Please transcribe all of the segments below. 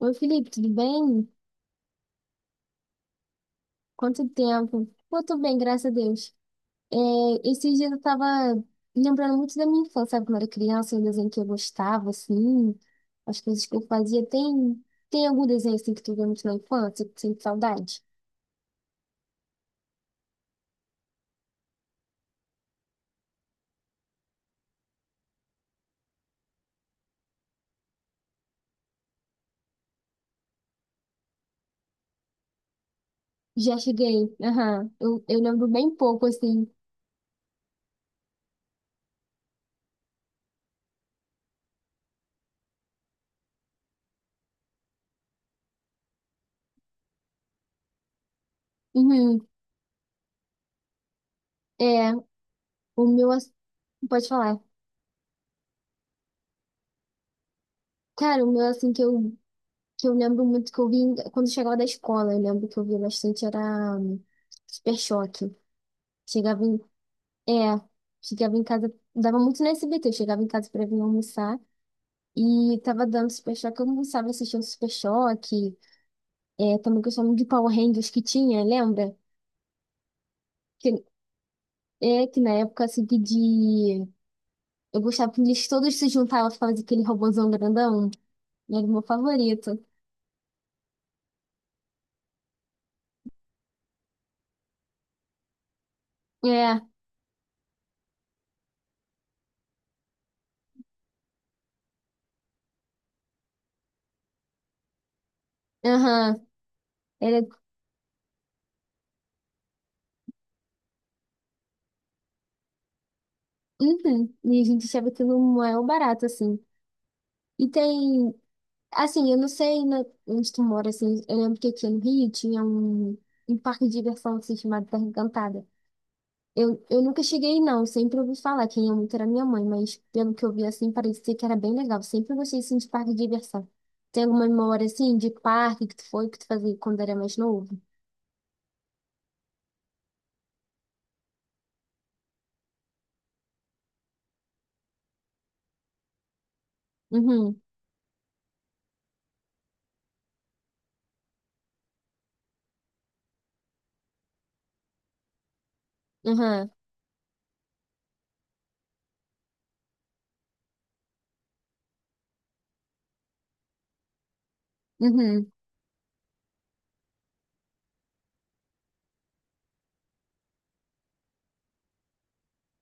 Oi, Felipe, tudo bem? Quanto tempo? Pô, tô bem, graças a Deus. É, esses dias eu tava lembrando muito da minha infância, sabe? Quando eu era criança, o desenho que eu gostava, assim, as coisas que eu fazia. Tem algum desenho, assim, que tu vê muito na infância, que tu sente saudade? Já cheguei, aham. Eu lembro bem pouco, assim. Uhum. É, o meu, ass- pode falar. Cara, o meu, assim, que eu lembro muito que eu vi em- quando eu chegava da escola, eu lembro que eu vi bastante, era Super Choque. Chegava em é, chegava em casa, dava muito no SBT, eu chegava em casa pra vir almoçar e tava dando Super Choque, eu almoçava assistindo Super Choque, é, também que eu chamo de Power Rangers que tinha, lembra? Que, é, que na época, assim, que de... Eu gostava que eles todos se juntavam pra fazer aquele robôzão grandão, era o meu favorito. É, aham, era... Uhum, e a gente achava aquilo um maior barato, assim. E tem assim, eu não sei na- onde tu mora, assim, eu lembro que aqui no Rio tinha um parque de diversão assim, chamado Terra Encantada. Eu nunca cheguei, não, sempre ouvi falar, quem ia muito era minha mãe, mas pelo que eu vi, assim, parecia que era bem legal. Sempre gostei, assim, de parque de diversão. Tem alguma memória, assim, de parque que tu foi, que tu fazia quando era mais novo? Uhum, uhum, uhum,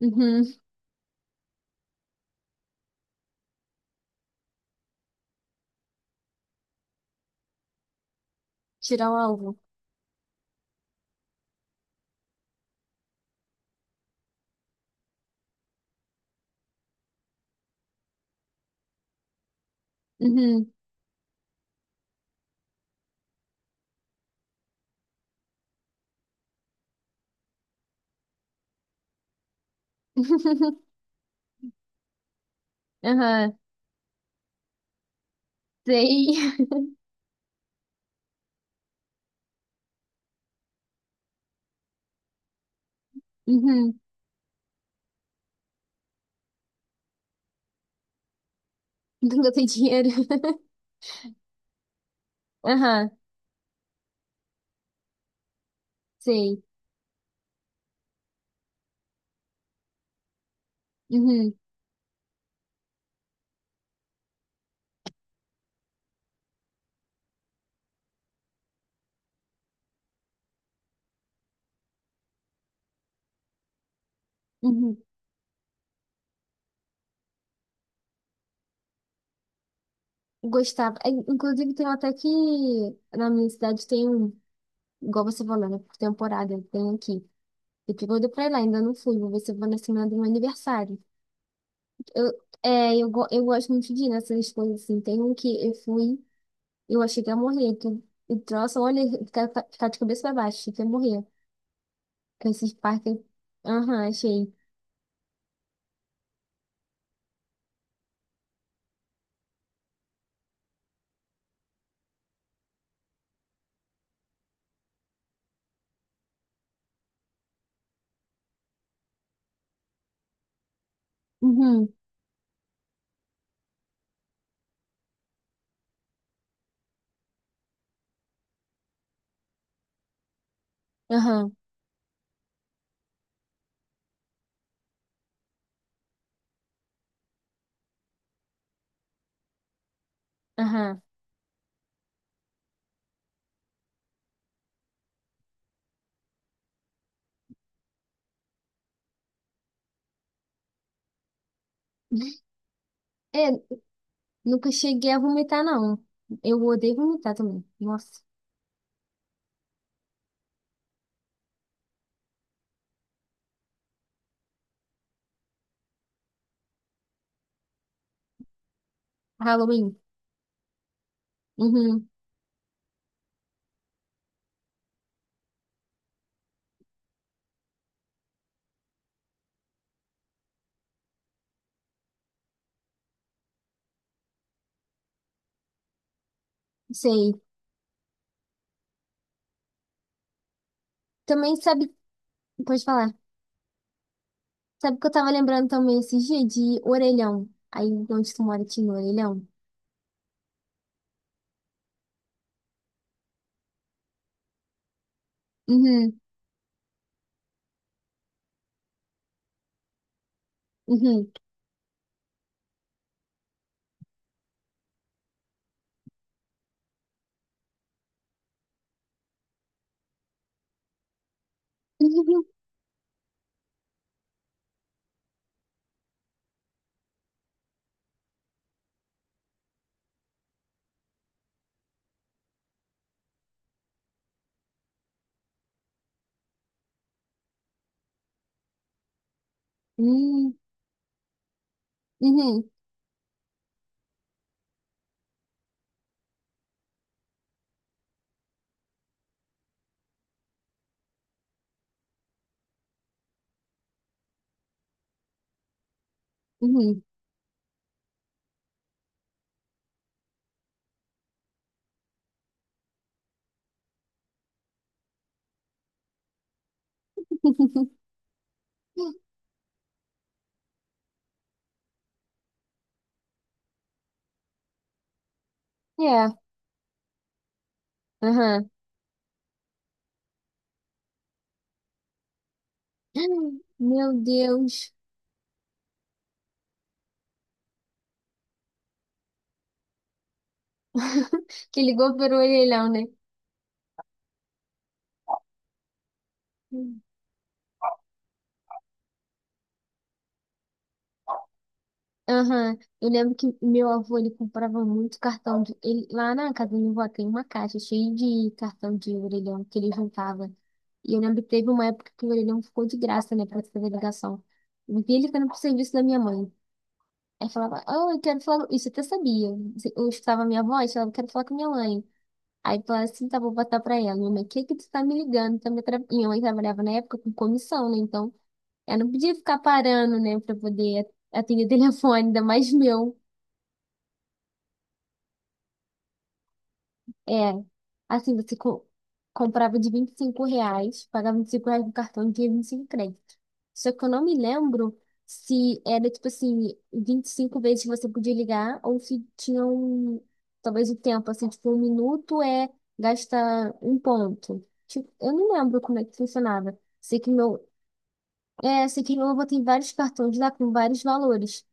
uhum, tirar o alvo, uhum, uhum, sei, uhum, nunca tem dinheiro, aham, sei. Uhum. Uhum. Gostava. É, inclusive, tem até que na minha cidade tem um, igual você falou, né? Por temporada, tem aqui. Eu tô doida pra ir lá, ainda não fui, vou ver se eu vou na semana do meu aniversário. Eu, é, eu, go- eu gosto muito de ir nessas coisas assim. Tem um que eu fui, eu achei que ia morrer. Que, e troço, olha, ficar de cabeça pra baixo, achei que ia morrer. Com esses parques. Aham, achei. Uhum, aham, aham. É, nunca cheguei a vomitar, não. Eu odeio vomitar também. Nossa, Halloween. Uhum, sei. Também sabe, pode falar. Sabe que eu tava lembrando também esses dias de orelhão. Aí onde tu mora tinha orelhão? Uhum, uhum, uhum, uhum, uhum, uhum. É, aham. Meu Deus. Que ligou pelo orelhão, né? Aham, eu lembro que meu avô, ele comprava muito cartão de... Ele, lá na casa do meu avô tem uma caixa cheia de cartão de orelhão que ele juntava. E eu lembro que teve uma época que o orelhão ficou de graça, né, pra fazer ligação. Eu vi ele ficando pro serviço da minha mãe. Aí falava, oh, eu quero falar... Isso eu até sabia. Assim, eu escutava a minha voz, falava, eu quero falar com minha mãe. Aí eu falava assim, tá, vou botar pra ela. Minha mãe, o que que tu tá me ligando? Tá me atra- Minha mãe trabalhava na época com comissão, né, então... Ela não podia ficar parando, né, pra poder atender telefone, ainda mais meu. É, assim, você comprava de R$ 25, pagava R$ 25 no cartão e tinha 25 créditos. Só que eu não me lembro se era, tipo assim, 25 vezes que você podia ligar ou se tinha um, talvez o tempo, assim, tipo, um minuto é gasta um ponto. Tipo, eu não lembro como é que funcionava. Sei que meu, é, sei que meu avô tem vários cartões lá com vários valores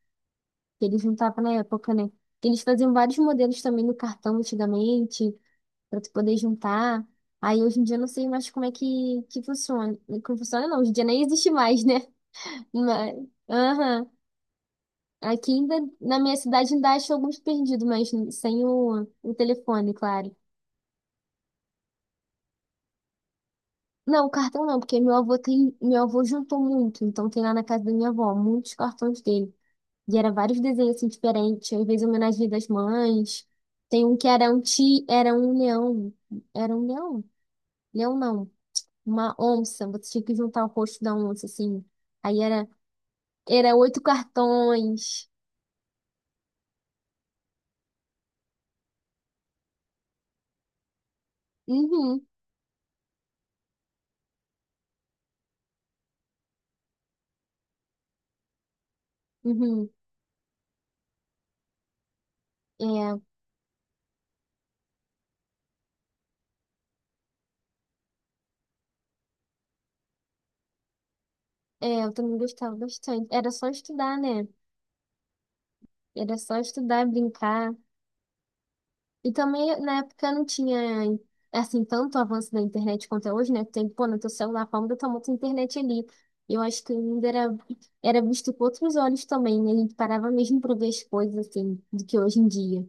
que ele juntava na época, né? Eles faziam vários modelos também no cartão antigamente para tu poder juntar. Aí hoje em dia eu não sei mais como é que funciona. Como funciona não, hoje em dia nem existe mais, né? Mas, aham. Aqui ainda, na minha cidade ainda acho alguns perdidos, mas sem o telefone, claro. Não, o cartão não, porque meu avô tem, meu avô juntou muito, então tem lá na casa da minha avó muitos cartões dele. E era vários desenhos assim diferentes, às vezes homenagem das mães. Tem um que era um ti, era um leão, leão não. Uma onça, você tinha que juntar o rosto da onça, assim. Aí era, era 8 cartões. Uhum, uhum. É, é, eu também gostava bastante. Era só estudar, né? Era só estudar, brincar. E também, na época, não tinha, assim, tanto avanço da internet quanto é hoje, né? Tem, pô, no teu celular, falando, eu tomo tua internet ali. Eu acho que ainda era, era visto com outros olhos também, né? A gente parava mesmo pra ver as coisas, assim, do que hoje em dia.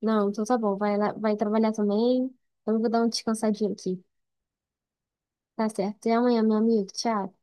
Não, então tá bom. Vai lá, vai trabalhar também. Então eu vou dar um descansadinho aqui. Tá certo. Até amanhã, meu amigo. Tchau.